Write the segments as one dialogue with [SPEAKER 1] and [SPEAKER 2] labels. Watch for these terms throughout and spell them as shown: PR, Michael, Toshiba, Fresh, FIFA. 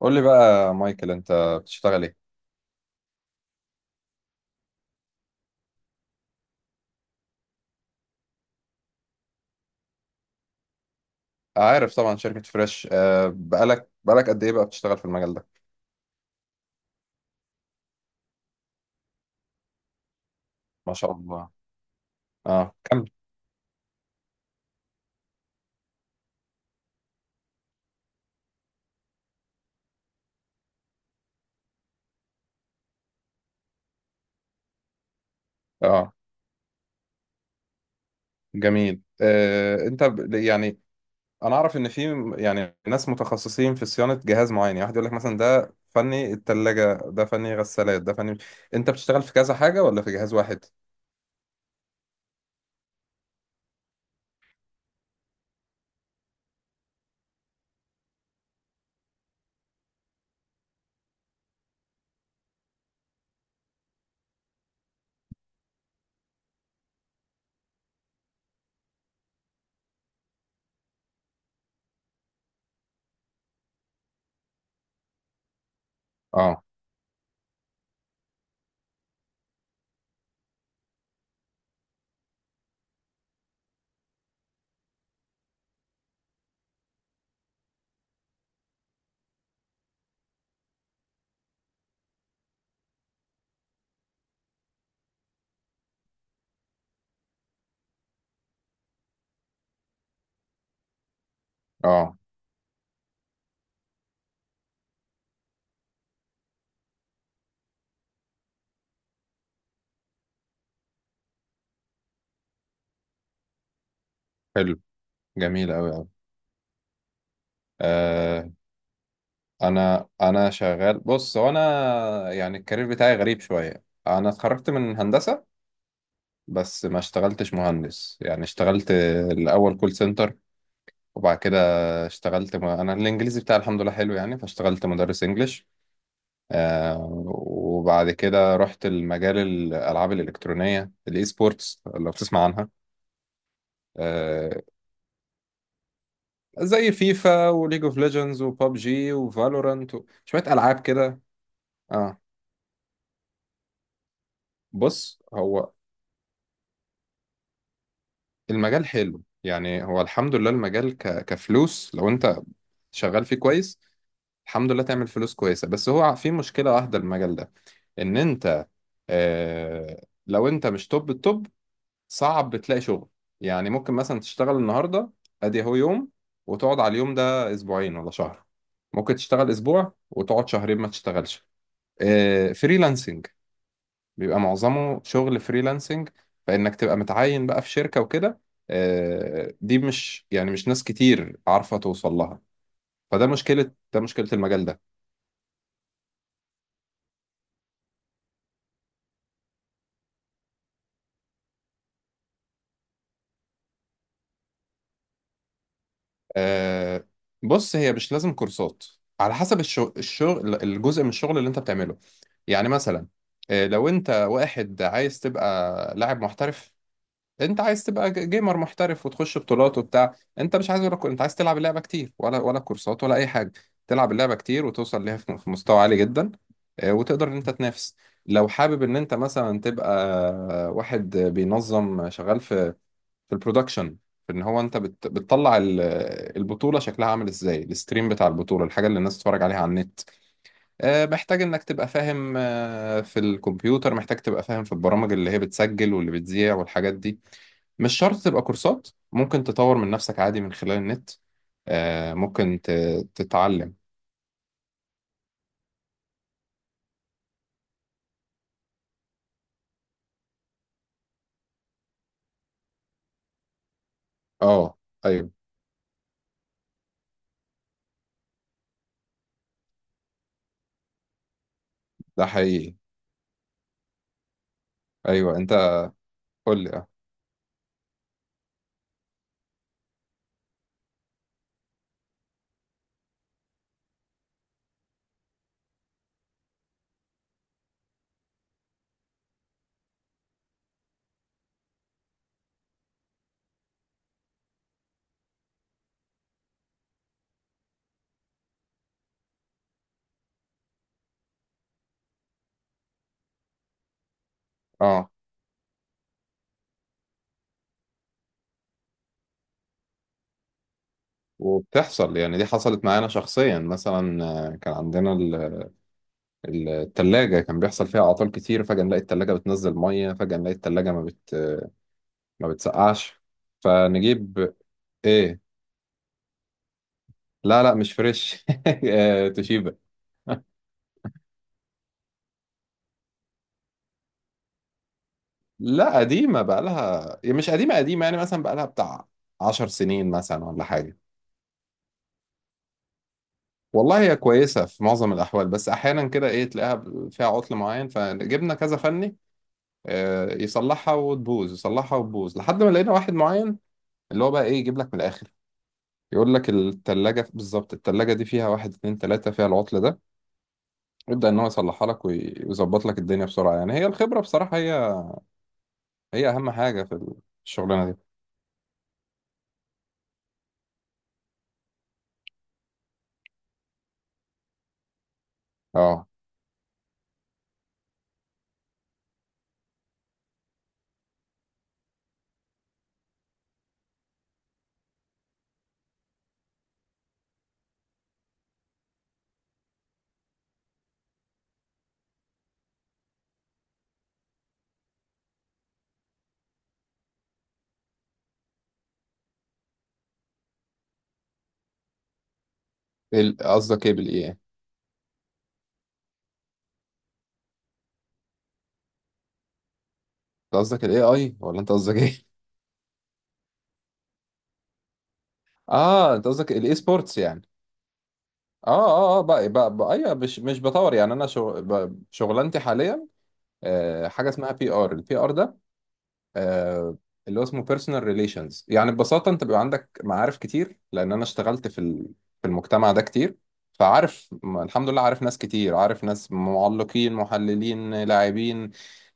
[SPEAKER 1] قول لي بقى يا مايكل انت بتشتغل ايه؟ عارف طبعا شركة فريش. بقالك قد ايه بقى بتشتغل في المجال ده؟ ما شاء الله. اه، كمل. اه. جميل. انت يعني انا اعرف ان في يعني ناس متخصصين في صيانة جهاز معين، يعني واحد يقول لك مثلا ده فني التلاجة، ده فني غسالات، ده فني. انت بتشتغل في كذا حاجة ولا في جهاز واحد؟ اه. اه. حلو. جميل قوي. قوي. انا شغال. بص، هو انا يعني الكارير بتاعي غريب شويه. انا اتخرجت من هندسه، بس ما اشتغلتش مهندس. يعني اشتغلت الاول كول سنتر، وبعد كده اشتغلت انا الانجليزي بتاعي الحمد لله حلو، يعني فاشتغلت مدرس انجليش. آه وبعد كده رحت المجال الالعاب الالكترونيه الاي سبورتس، لو بتسمع عنها. آه زي فيفا وليج اوف ليجندز وبابجي وفالورانت شويه العاب كده. اه. بص، هو المجال حلو، يعني هو الحمد لله المجال كفلوس. لو انت شغال فيه كويس الحمد لله تعمل فلوس كويسة. بس هو في مشكلة واحدة المجال ده، ان انت اه... لو انت مش توب التوب صعب تلاقي شغل. يعني ممكن مثلا تشتغل النهاردة، ادي هو يوم، وتقعد على اليوم ده اسبوعين ولا شهر. ممكن تشتغل اسبوع وتقعد شهرين ما تشتغلش. فريلانسنج، بيبقى معظمه شغل فريلانسنج. فإنك تبقى متعين بقى في شركة وكده، دي مش يعني مش ناس كتير عارفة توصل لها. فده مشكلة، ده مشكلة المجال ده. آه، بص، هي مش لازم كورسات، على حسب الشغل، الجزء من الشغل اللي انت بتعمله. يعني مثلا لو انت واحد عايز تبقى لاعب محترف، انت عايز تبقى جيمر محترف وتخش بطولات وبتاع. انت مش عايز ولا انت عايز تلعب اللعبه كتير ولا كورسات ولا اي حاجه. تلعب اللعبه كتير وتوصل ليها في مستوى عالي جدا، وتقدر ان انت تنافس. لو حابب ان انت مثلا تبقى واحد بينظم شغال في البرودكشن، في ان هو انت بتطلع البطوله شكلها عامل ازاي، الستريم بتاع البطوله، الحاجه اللي الناس تتفرج عليها على النت. محتاج انك تبقى فاهم في الكمبيوتر، محتاج تبقى فاهم في البرامج اللي هي بتسجل واللي بتذيع والحاجات دي. مش شرط تبقى كورسات، ممكن تطور من نفسك عادي من خلال النت. ممكن تتعلم. اه. ايوه ده حقيقي. ايوه انت، قول لي. اه. اه وبتحصل يعني، دي حصلت معانا شخصيا مثلا. كان عندنا التلاجة كان بيحصل فيها اعطال كتير. فجأة نلاقي التلاجة بتنزل مية، فجأة نلاقي التلاجة ما بتسقعش. فنجيب ايه؟ لا لا، مش فريش. توشيبا. لا قديمة، بقالها يعني مش قديمة قديمة، يعني مثلا بقالها بتاع 10 سنين مثلا ولا حاجة. والله هي كويسة في معظم الأحوال، بس أحيانا كده إيه تلاقيها فيها عطل معين. فجبنا كذا فني يصلحها وتبوظ، يصلحها وتبوظ، لحد ما لقينا واحد معين، اللي هو بقى إيه يجيب لك من الآخر، يقول لك التلاجة بالظبط، التلاجة دي فيها واحد اتنين تلاتة فيها العطل ده. يبدأ إن هو يصلحها لك ويظبط لك الدنيا بسرعة. يعني هي الخبرة بصراحة، هي أهم حاجة في الشغلانة دي. أه. قصدك إيه بالإيه؟ انت قصدك الاي اي ولا انت قصدك ايه؟ اه، انت قصدك الاي سبورتس يعني. اه اه اه، بقى ايوه، مش بطور. يعني انا شغلانتي حاليا حاجه اسمها PR، الـ PR ده آه اللي هو اسمه بيرسونال ريليشنز. يعني ببساطه انت بيبقى عندك معارف كتير لان انا اشتغلت في المجتمع ده كتير. فعارف الحمد لله عارف ناس كتير، عارف ناس معلقين، محللين، لاعبين،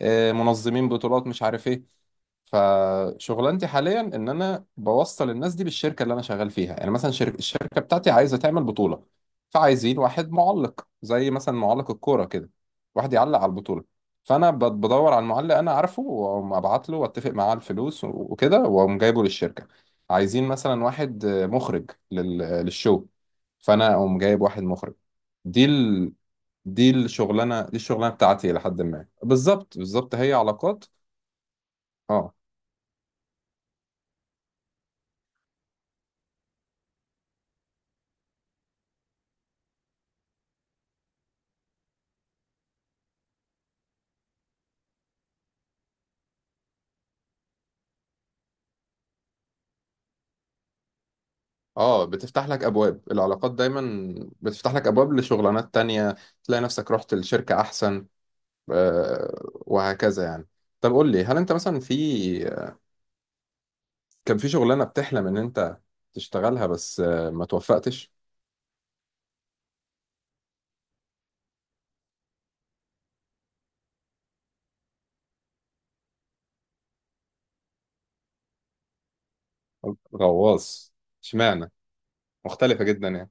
[SPEAKER 1] منظمين بطولات، مش عارف ايه. فشغلانتي حاليا ان انا بوصل الناس دي بالشركه اللي انا شغال فيها. يعني مثلا الشركه بتاعتي عايزه تعمل بطوله، فعايزين واحد معلق زي مثلا معلق الكوره كده، واحد يعلق على البطوله. فانا بدور على المعلق انا عارفه، واقوم ابعت له واتفق معاه على الفلوس وكده، واقوم جايبه للشركه. عايزين مثلا واحد مخرج للشو، فانا اقوم جايب واحد مخرج. دي ال... دي الشغلانه بتاعتي لحد ما، بالظبط بالظبط هي علاقات. آه. اه، بتفتح لك ابواب. العلاقات دايما بتفتح لك ابواب لشغلانات تانية، تلاقي نفسك رحت لشركة احسن، وهكذا يعني. طب قول لي، هل انت مثلا كان في شغلانة بتحلم ان انت تشتغلها، بس ما توفقتش؟ غواص؟ اشمعنى؟ مختلفة جدا يعني.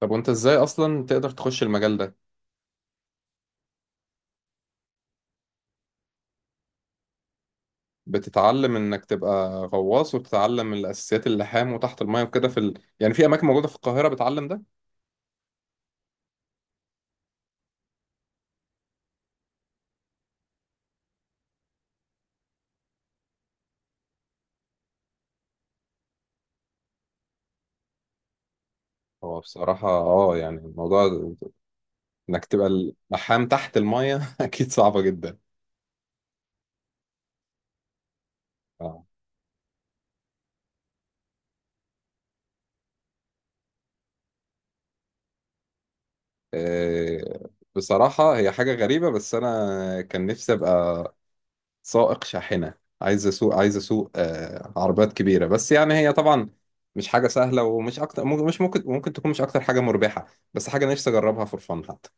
[SPEAKER 1] طب وانت ازاي اصلا تقدر تخش المجال ده؟ بتتعلم انك تبقى غواص وتتعلم الاساسيات، اللحام وتحت المايه وكده، في يعني في اماكن موجودة في القاهرة بتعلم ده. هو بصراحة يعني الموضوع انك تبقى اللحام تحت المية اكيد صعبة جدا. اه آه، بصراحة هي حاجة غريبة، بس انا كان نفسي ابقى سائق شاحنة. عايز اسوق، عايز اسوق عربيات كبيرة، بس يعني هي طبعا مش حاجة سهلة ومش اكتر. ممكن- مش ممكن ممكن تكون مش اكتر حاجة مربحة، بس حاجة نفسي اجربها فور فن حتى.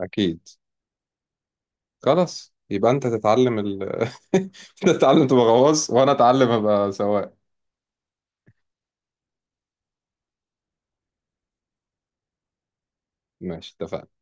[SPEAKER 1] اكيد. خلاص، يبقى انت تتعلم انت تتعلم تبقى غواص وانا اتعلم ابقى سواق. ماشي، اتفقنا.